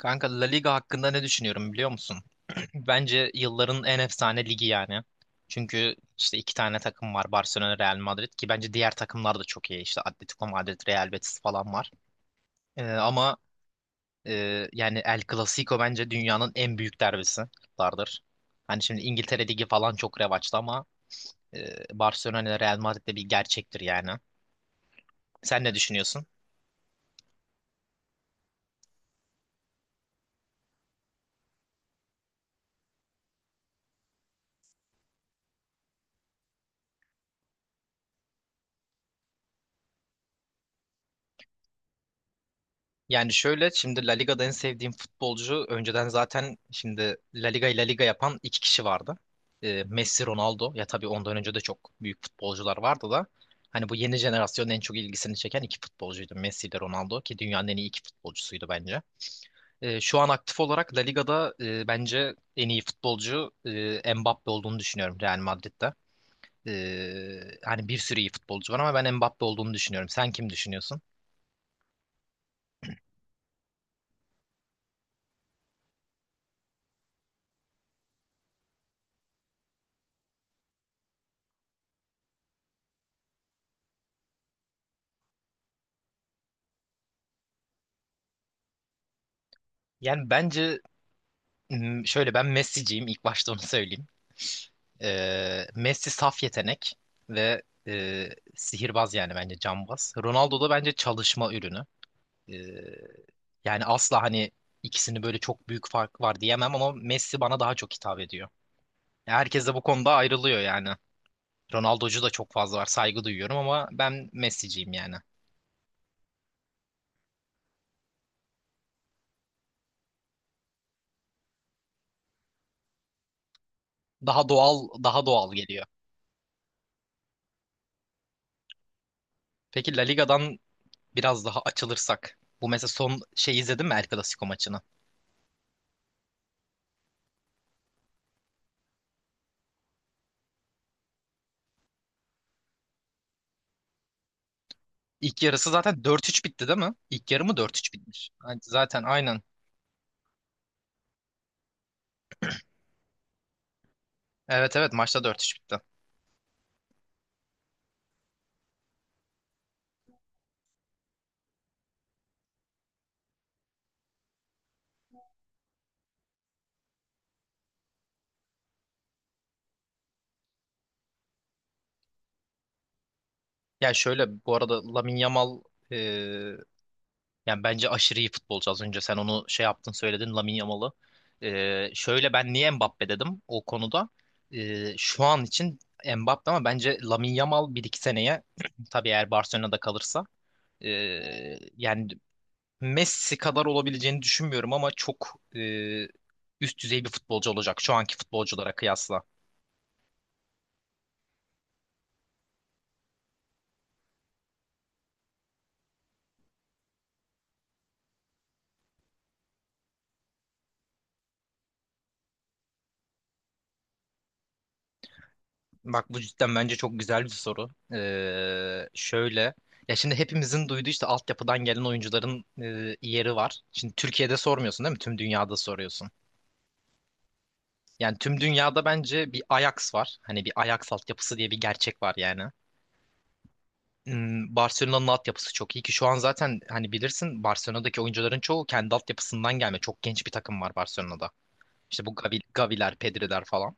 Kanka La Liga hakkında ne düşünüyorum biliyor musun? Bence yılların en efsane ligi yani. Çünkü işte iki tane takım var Barcelona, Real Madrid ki bence diğer takımlar da çok iyi. İşte Atletico Madrid, Real Betis falan var. Ama yani El Clasico bence dünyanın en büyük derbisidir. Hani şimdi İngiltere Ligi falan çok revaçta ama e, Barcelona ile Real Madrid de bir gerçektir yani. Sen ne düşünüyorsun? Yani şöyle şimdi La Liga'da en sevdiğim futbolcu önceden zaten şimdi La Liga'yı La Liga yapan iki kişi vardı. Messi, Ronaldo ya, tabii ondan önce de çok büyük futbolcular vardı da hani bu yeni jenerasyonun en çok ilgisini çeken iki futbolcuydu Messi ile Ronaldo ki dünyanın en iyi iki futbolcusuydu bence. Şu an aktif olarak La Liga'da bence en iyi futbolcu Mbappe olduğunu düşünüyorum Real Madrid'de. Hani bir sürü iyi futbolcu var ama ben Mbappe olduğunu düşünüyorum. Sen kim düşünüyorsun? Yani bence şöyle, ben Messi'ciyim, ilk başta onu söyleyeyim. Messi saf yetenek ve e, sihirbaz, yani bence cambaz. Ronaldo da bence çalışma ürünü. Ee, yani asla hani ikisini böyle çok büyük fark var diyemem ama Messi bana daha çok hitap ediyor. Herkes de bu konuda ayrılıyor yani. Ronaldocu da çok fazla var, saygı duyuyorum ama ben Messi'ciyim yani. Daha doğal, daha doğal geliyor. Peki La Liga'dan biraz daha açılırsak, bu mesela son şey, izledin mi El Clasico maçını? İlk yarısı zaten 4-3 bitti değil mi? İlk yarı mı 4-3 bitmiş? Yani zaten aynen. Evet, evet, maçta 4-3 bitti. Yani şöyle, bu arada Lamine Yamal e, yani bence aşırı iyi futbolcu. Az önce sen onu şey yaptın, söyledin, Lamine Yamal'ı. Şöyle ben niye Mbappe dedim o konuda. Şu an için Mbappe, ama bence Lamine Yamal 1 2 seneye, tabii eğer Barcelona'da kalırsa, e, yani Messi kadar olabileceğini düşünmüyorum ama çok üst düzey bir futbolcu olacak şu anki futbolculara kıyasla. Bak, bu cidden bence çok güzel bir soru. Şöyle ya, şimdi hepimizin duyduğu işte altyapıdan gelen oyuncuların yeri var. Şimdi Türkiye'de sormuyorsun değil mi? Tüm dünyada soruyorsun. Yani tüm dünyada bence bir Ajax var. Hani bir Ajax altyapısı diye bir gerçek var yani. Barcelona'nın altyapısı çok iyi ki şu an zaten hani bilirsin Barcelona'daki oyuncuların çoğu kendi altyapısından gelme. Çok genç bir takım var Barcelona'da. İşte bu Gavi, Gaviler, Pedri'ler falan.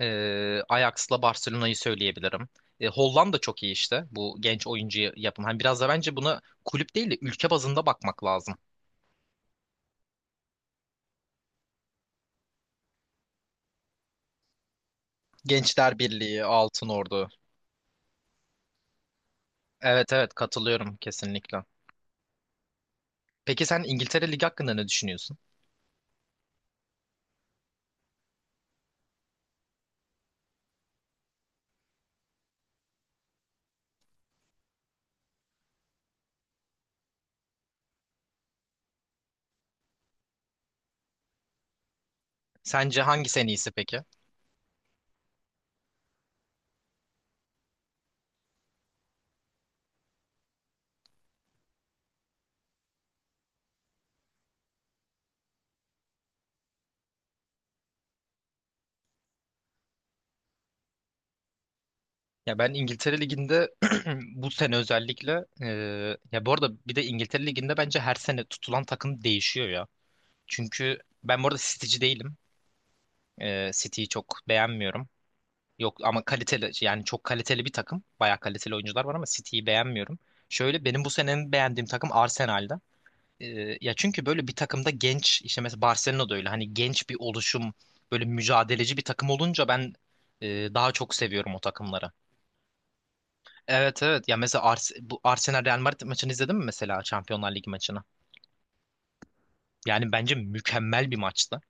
Ajax'la Barcelona'yı söyleyebilirim. Hollanda çok iyi işte bu genç oyuncu yapım. Hani biraz da bence buna kulüp değil de ülke bazında bakmak lazım. Gençler Birliği, Altın Ordu. Evet, evet, katılıyorum kesinlikle. Peki sen İngiltere Ligi hakkında ne düşünüyorsun? Sence hangisi en iyisi peki? Ya ben İngiltere Ligi'nde bu sene özellikle, ya bu arada, bir de İngiltere Ligi'nde bence her sene tutulan takım değişiyor ya. Çünkü ben bu arada City'ci değilim. City'yi çok beğenmiyorum. Yok, ama kaliteli, yani çok kaliteli bir takım. Bayağı kaliteli oyuncular var ama City'yi beğenmiyorum. Şöyle, benim bu senenin beğendiğim takım Arsenal'da. E, ya çünkü böyle bir takımda genç, işte mesela Barcelona'da öyle, hani genç bir oluşum, böyle mücadeleci bir takım olunca ben e, daha çok seviyorum o takımları. Evet, evet. Ya mesela bu Arsenal Real Madrid maçını izledin mi, mesela Şampiyonlar Ligi maçını? Yani bence mükemmel bir maçtı.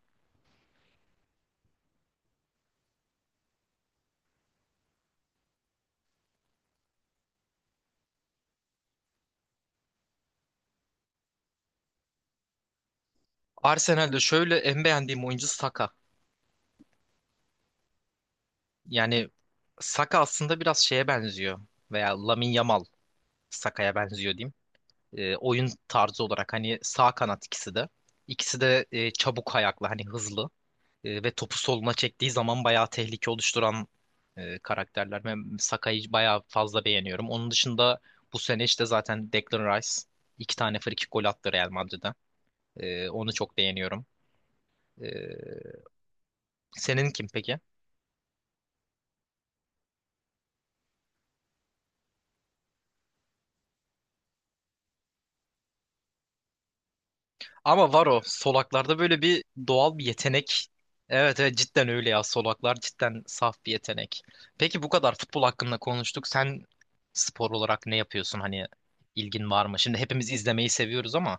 Arsenal'de şöyle, en beğendiğim oyuncu Saka. Yani Saka aslında biraz şeye benziyor, veya Lamine Yamal Saka'ya benziyor diyeyim. Oyun tarzı olarak hani sağ kanat ikisi de. İkisi de çabuk ayaklı, hani hızlı. Ve topu soluna çektiği zaman bayağı tehlike oluşturan karakterler. Ben Sakai'yi bayağı fazla beğeniyorum. Onun dışında bu sene işte zaten Declan Rice iki tane frikik gol attı Real Madrid'den. Onu çok beğeniyorum. E, senin kim peki? Ama var o solaklarda böyle bir doğal bir yetenek. Evet, evet, cidden öyle ya, solaklar cidden saf bir yetenek. Peki bu kadar futbol hakkında konuştuk. Sen spor olarak ne yapıyorsun? Hani ilgin var mı? Şimdi hepimiz izlemeyi seviyoruz ama...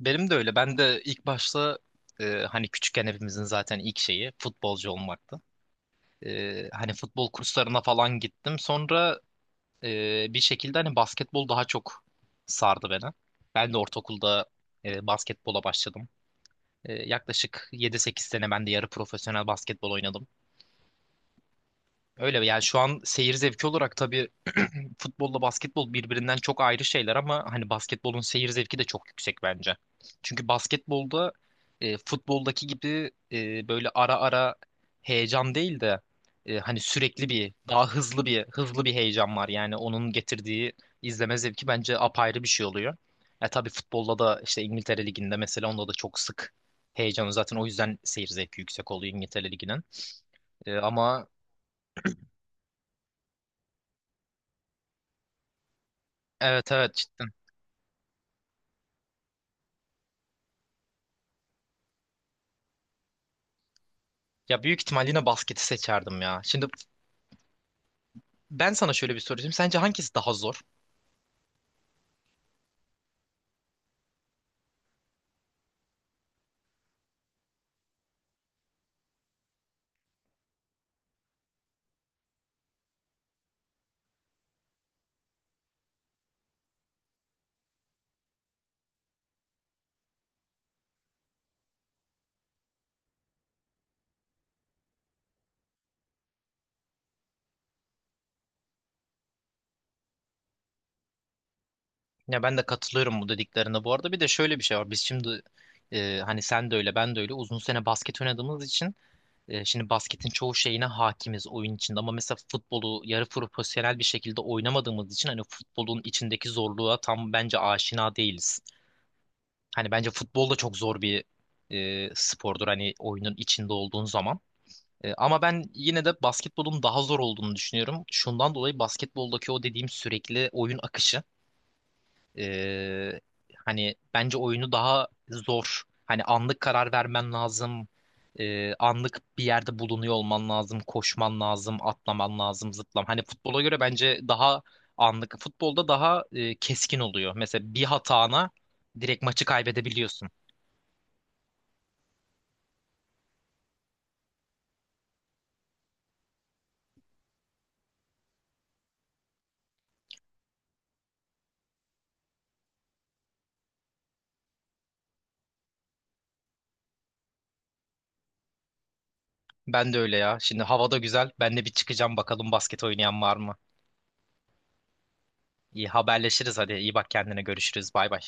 Benim de öyle. Ben de ilk başta hani küçükken hepimizin zaten ilk şeyi futbolcu olmaktı. Hani futbol kurslarına falan gittim. Sonra bir şekilde hani basketbol daha çok sardı beni. Ben de ortaokulda basketbola başladım. Yaklaşık 7 8 sene ben de yarı profesyonel basketbol oynadım. Öyle yani, şu an seyir zevki olarak tabii futbolla basketbol birbirinden çok ayrı şeyler ama hani basketbolun seyir zevki de çok yüksek bence. Çünkü basketbolda futboldaki gibi böyle ara ara heyecan değil de hani sürekli bir daha hızlı bir hızlı bir heyecan var. Yani onun getirdiği izleme zevki bence apayrı bir şey oluyor. Tabii futbolda da işte İngiltere Ligi'nde mesela, onda da çok sık heyecanı, zaten o yüzden seyir zevki yüksek oluyor İngiltere Ligi'nin. Ama evet, evet, cidden. Ya büyük ihtimal yine basketi seçerdim ya. Şimdi ben sana şöyle bir soru sorayım. Sence hangisi daha zor? Ya ben de katılıyorum bu dediklerine bu arada. Bir de şöyle bir şey var. Biz şimdi hani sen de öyle, ben de öyle uzun sene basket oynadığımız için şimdi basketin çoğu şeyine hakimiz oyun içinde. Ama mesela futbolu yarı profesyonel bir şekilde oynamadığımız için hani futbolun içindeki zorluğa tam bence aşina değiliz. Hani bence futbol da çok zor bir spordur, hani oyunun içinde olduğun zaman. Ama ben yine de basketbolun daha zor olduğunu düşünüyorum. Şundan dolayı, basketboldaki o dediğim sürekli oyun akışı. Ee, hani bence oyunu daha zor. Hani anlık karar vermen lazım. Anlık bir yerde bulunuyor olman lazım. Koşman lazım, atlaman lazım, zıplam. Hani futbola göre bence daha anlık. Futbolda daha keskin oluyor. Mesela bir hatana direkt maçı kaybedebiliyorsun. Ben de öyle ya. Şimdi hava da güzel. Ben de bir çıkacağım, bakalım basket oynayan var mı? İyi, haberleşiriz hadi. İyi bak kendine, görüşürüz. Bay bay.